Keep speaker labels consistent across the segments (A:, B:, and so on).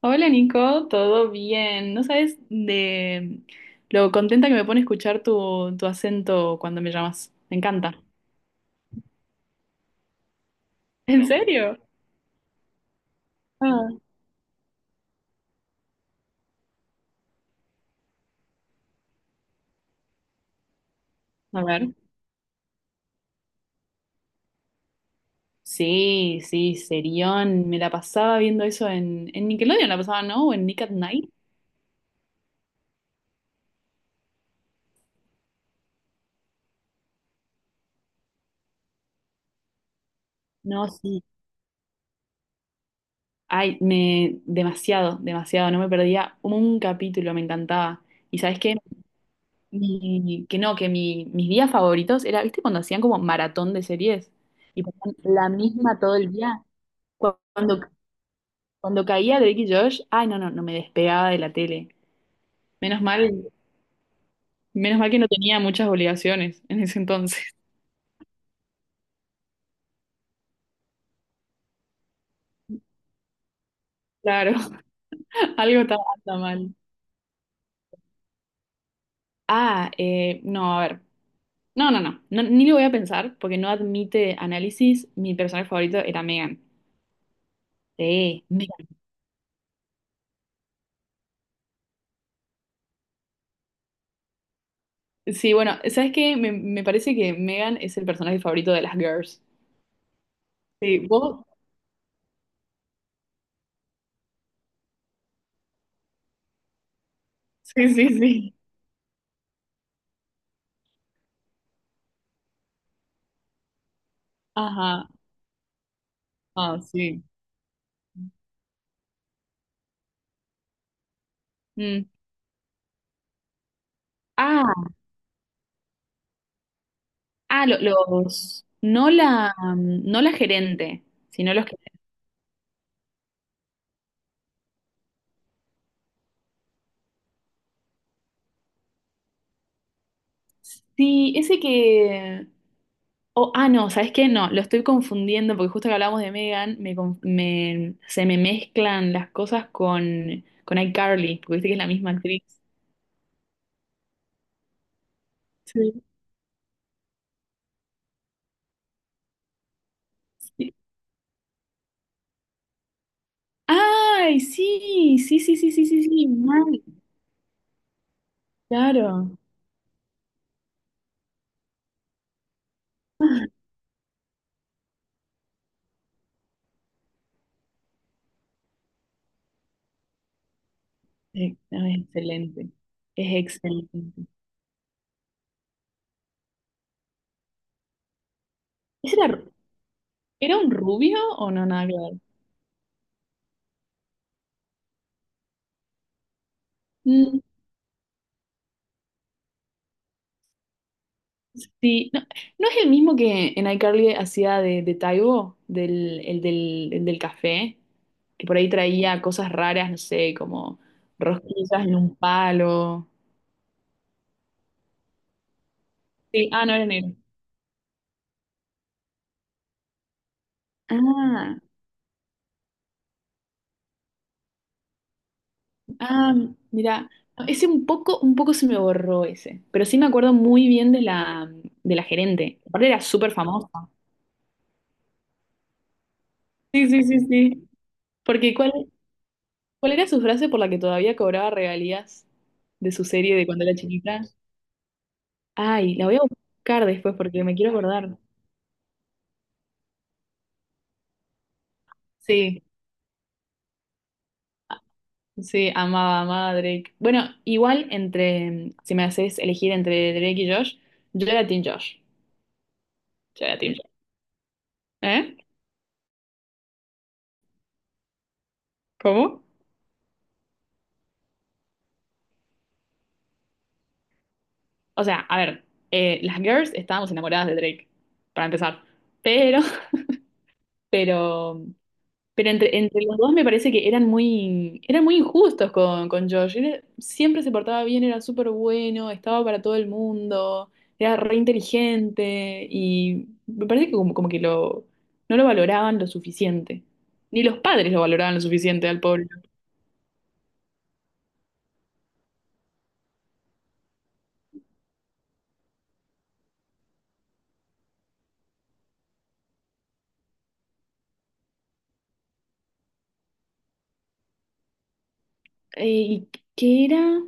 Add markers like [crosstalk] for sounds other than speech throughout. A: Hola Nico, ¿todo bien? ¿No sabes de lo contenta que me pone escuchar tu acento cuando me llamas? Me encanta. [laughs] ¿En serio? Ah. A ver. Sí, sí, serión. Me la pasaba viendo eso en Nickelodeon, la pasaba, ¿no? O en Nick at Night. No, sí. Ay, demasiado, demasiado. No me perdía un capítulo, me encantaba. ¿Y sabes qué? Mi- que no, que mi- Mis días favoritos era, ¿viste cuando hacían como maratón de series? Y ponían la misma todo el día. Cuando, cuando caía Drake y Josh, ay, no, no, no me despegaba de la tele. Menos mal, menos mal que no tenía muchas obligaciones en ese entonces. [laughs] Claro, [laughs] algo estaba anda mal. No, a ver. No, Ni lo voy a pensar porque no admite análisis. Mi personaje favorito era Megan. Sí, Megan. Sí, bueno, ¿sabes qué? Me parece que Megan es el personaje favorito de las girls. Sí, vos. Sí, sí, sí. Ajá. Ah, sí. Mm. Ah, no la, no la gerente, sino los que... Sí, ese que... Oh, no, ¿sabes qué? No, lo estoy confundiendo porque justo que hablamos de Megan, se me mezclan las cosas con iCarly, porque viste que es la misma actriz. Sí. Sí. Ay, sí, sí, sí, sí, sí, sí, sí, mal, claro. No, es excelente, es excelente. ¿Ese era, era un rubio o no, nada que ver? Sí, no, ¿no es el mismo que en iCarly hacía de Taibo, el del café, que por ahí traía cosas raras, no sé, como rosquillas en un palo. Sí, ah, no era negro. Ah, ah, mira, no, ese un poco se me borró ese, pero sí me acuerdo muy bien de la gerente. Aparte era súper famosa. Sí, sí, sí, sí. Porque ¿cuál, cuál era su frase por la que todavía cobraba regalías de su serie de cuando era chiquita? Ay, la voy a buscar después porque me quiero acordar. Sí, sí, amaba, amaba a Drake. Bueno, igual entre, si me haces elegir entre Drake y Josh, yo era Team Josh. Yo era Team Josh. ¿Eh? ¿Cómo? O sea, a ver, las girls estábamos enamoradas de Drake, para empezar. Pero, [laughs] pero Pero entre los dos me parece que eran muy injustos con Josh. Era- siempre se portaba bien, era súper bueno, estaba para todo el mundo, era re inteligente y me parece que como que lo, no lo valoraban lo suficiente. Ni los padres lo valoraban lo suficiente al pobre. ¿Y qué era?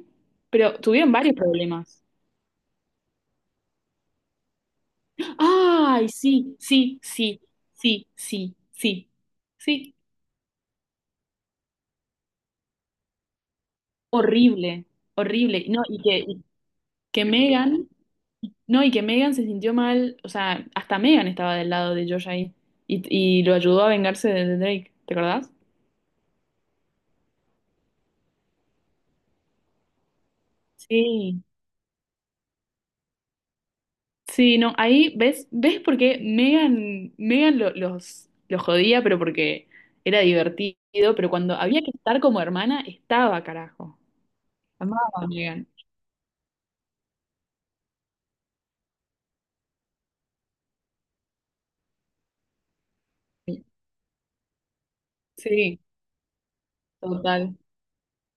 A: Pero tuvieron varios problemas. Ay, sí, sí, sí, sí, sí, sí, sí. Horrible, horrible. No, y que Megan... No, y que Megan se sintió mal, o sea, hasta Megan estaba del lado de Josh ahí y, y lo ayudó a vengarse de Drake, ¿te acordás? Sí. Sí, no, ahí ves, ves por qué Megan, los jodía, pero porque era divertido, pero cuando había que estar como hermana, estaba, carajo. Amaba a Megan. Sí, total,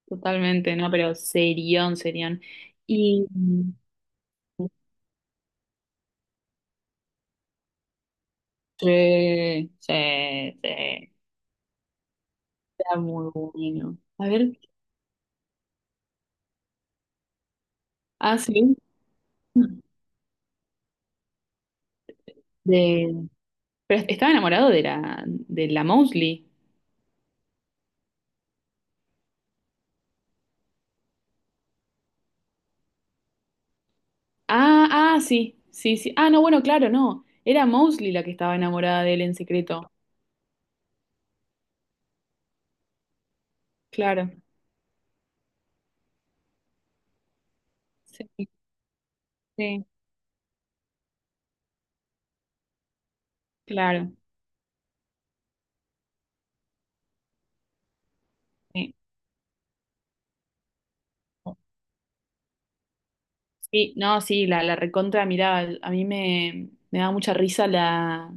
A: totalmente, no, pero serión, serión. Y sí, sí, sí, era muy bueno. A ver, ah, sí. De... Pero estaba enamorado de la Mosley. Ah, ah, sí, sí, sí. Ah, no, bueno, claro, no. Era Mosley la que estaba enamorada de él en secreto. Claro. Sí, sí, claro. Sí, sí, no, sí, la recontra, mirá, me daba mucha risa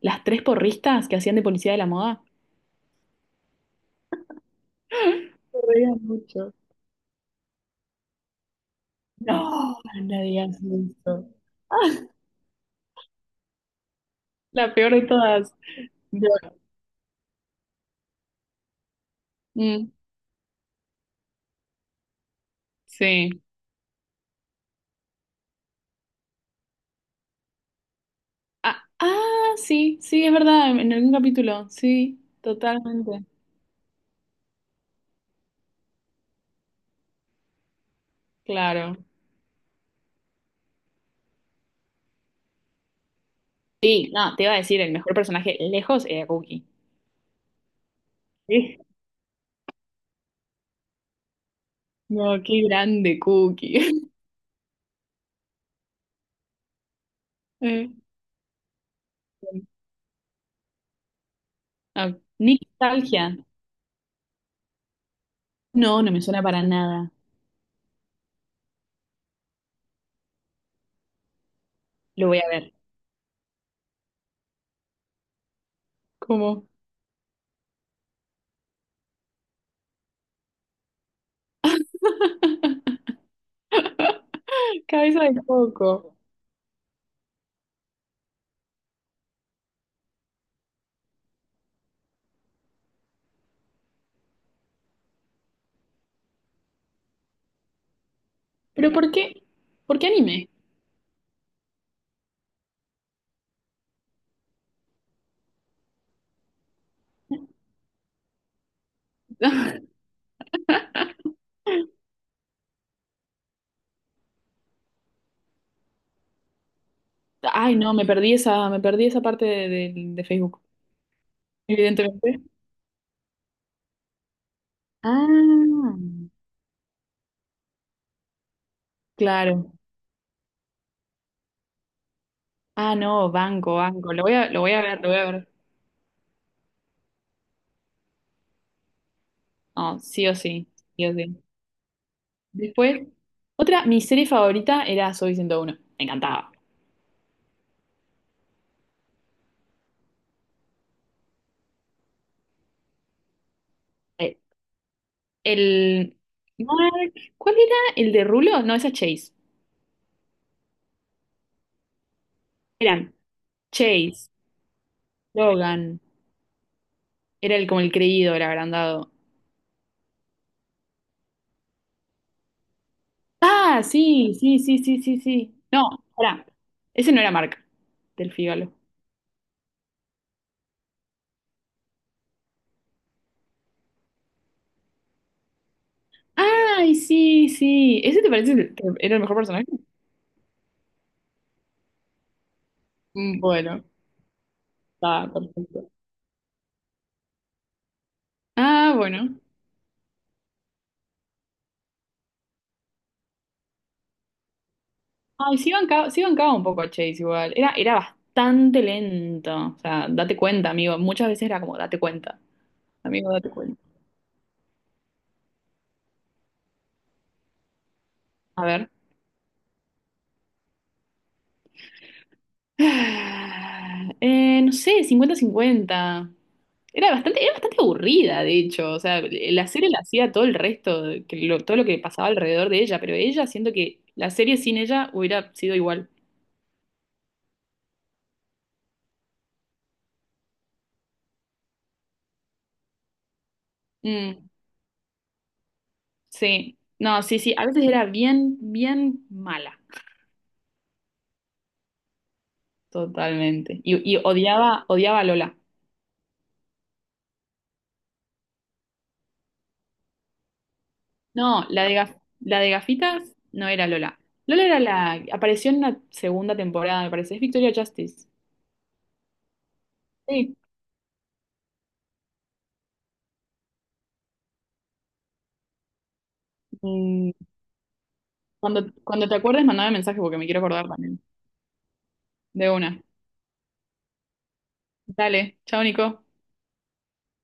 A: las tres porristas que hacían de policía de la moda. Me reía mucho. No, nadie hace eso. La peor de todas. Yo- mm, sí. Ah, ah, sí, sí, es verdad, en algún capítulo, sí, totalmente. Claro. Sí, no, te iba a decir, el mejor personaje lejos era Cookie. Sí. No, qué grande Cookie. [laughs] Eh, Nostalgia. No, no me suena para nada. Lo voy a ver. ¿Cómo? [laughs] Cabeza de coco. ¿Pero por qué? ¿Por qué anime? [laughs] Ay, no, me perdí esa parte de Facebook, evidentemente. Ah, claro. Ah, no, banco, banco. Lo voy a ver, lo voy a ver. No, sí o sí, sí o sí. Después, otra, mi serie favorita era Soy 101. Me encantaba. Eh, El Mark, ¿cuál era el de Rulo? No, esa es Chase. Eran Chase, Logan, era el como el creído, el agrandado. Ah, sí, sí, sí, sí, sí, sí. No, pará. Ese no era Mark, del Fígalo. Ay, sí, sí. ¿Ese te parece que era el mejor personaje? Mm, bueno, está perfecto. Ah, bueno. Ay, sí bancaba un poco a Chase igual. Era, era bastante lento. O sea, date cuenta, amigo. Muchas veces era como, date cuenta. Amigo, date cuenta. A ver. [sighs] No sé, cincuenta-cincuenta. Era bastante aburrida, de hecho. O sea, la serie la hacía todo el resto, todo lo que pasaba alrededor de ella, pero ella siento que la serie sin ella hubiera sido igual. Mm, sí. No, sí, sí. A veces era bien, bien mala. Totalmente. Y odiaba, odiaba a Lola. No, la de gaf- la de gafitas no era Lola. Lola era la, apareció en una segunda temporada, me parece. Es Victoria Justice. Sí. Mm, cuando, cuando te acuerdes, mandame mensaje porque me quiero acordar también. De una. Dale. Chao, Nico.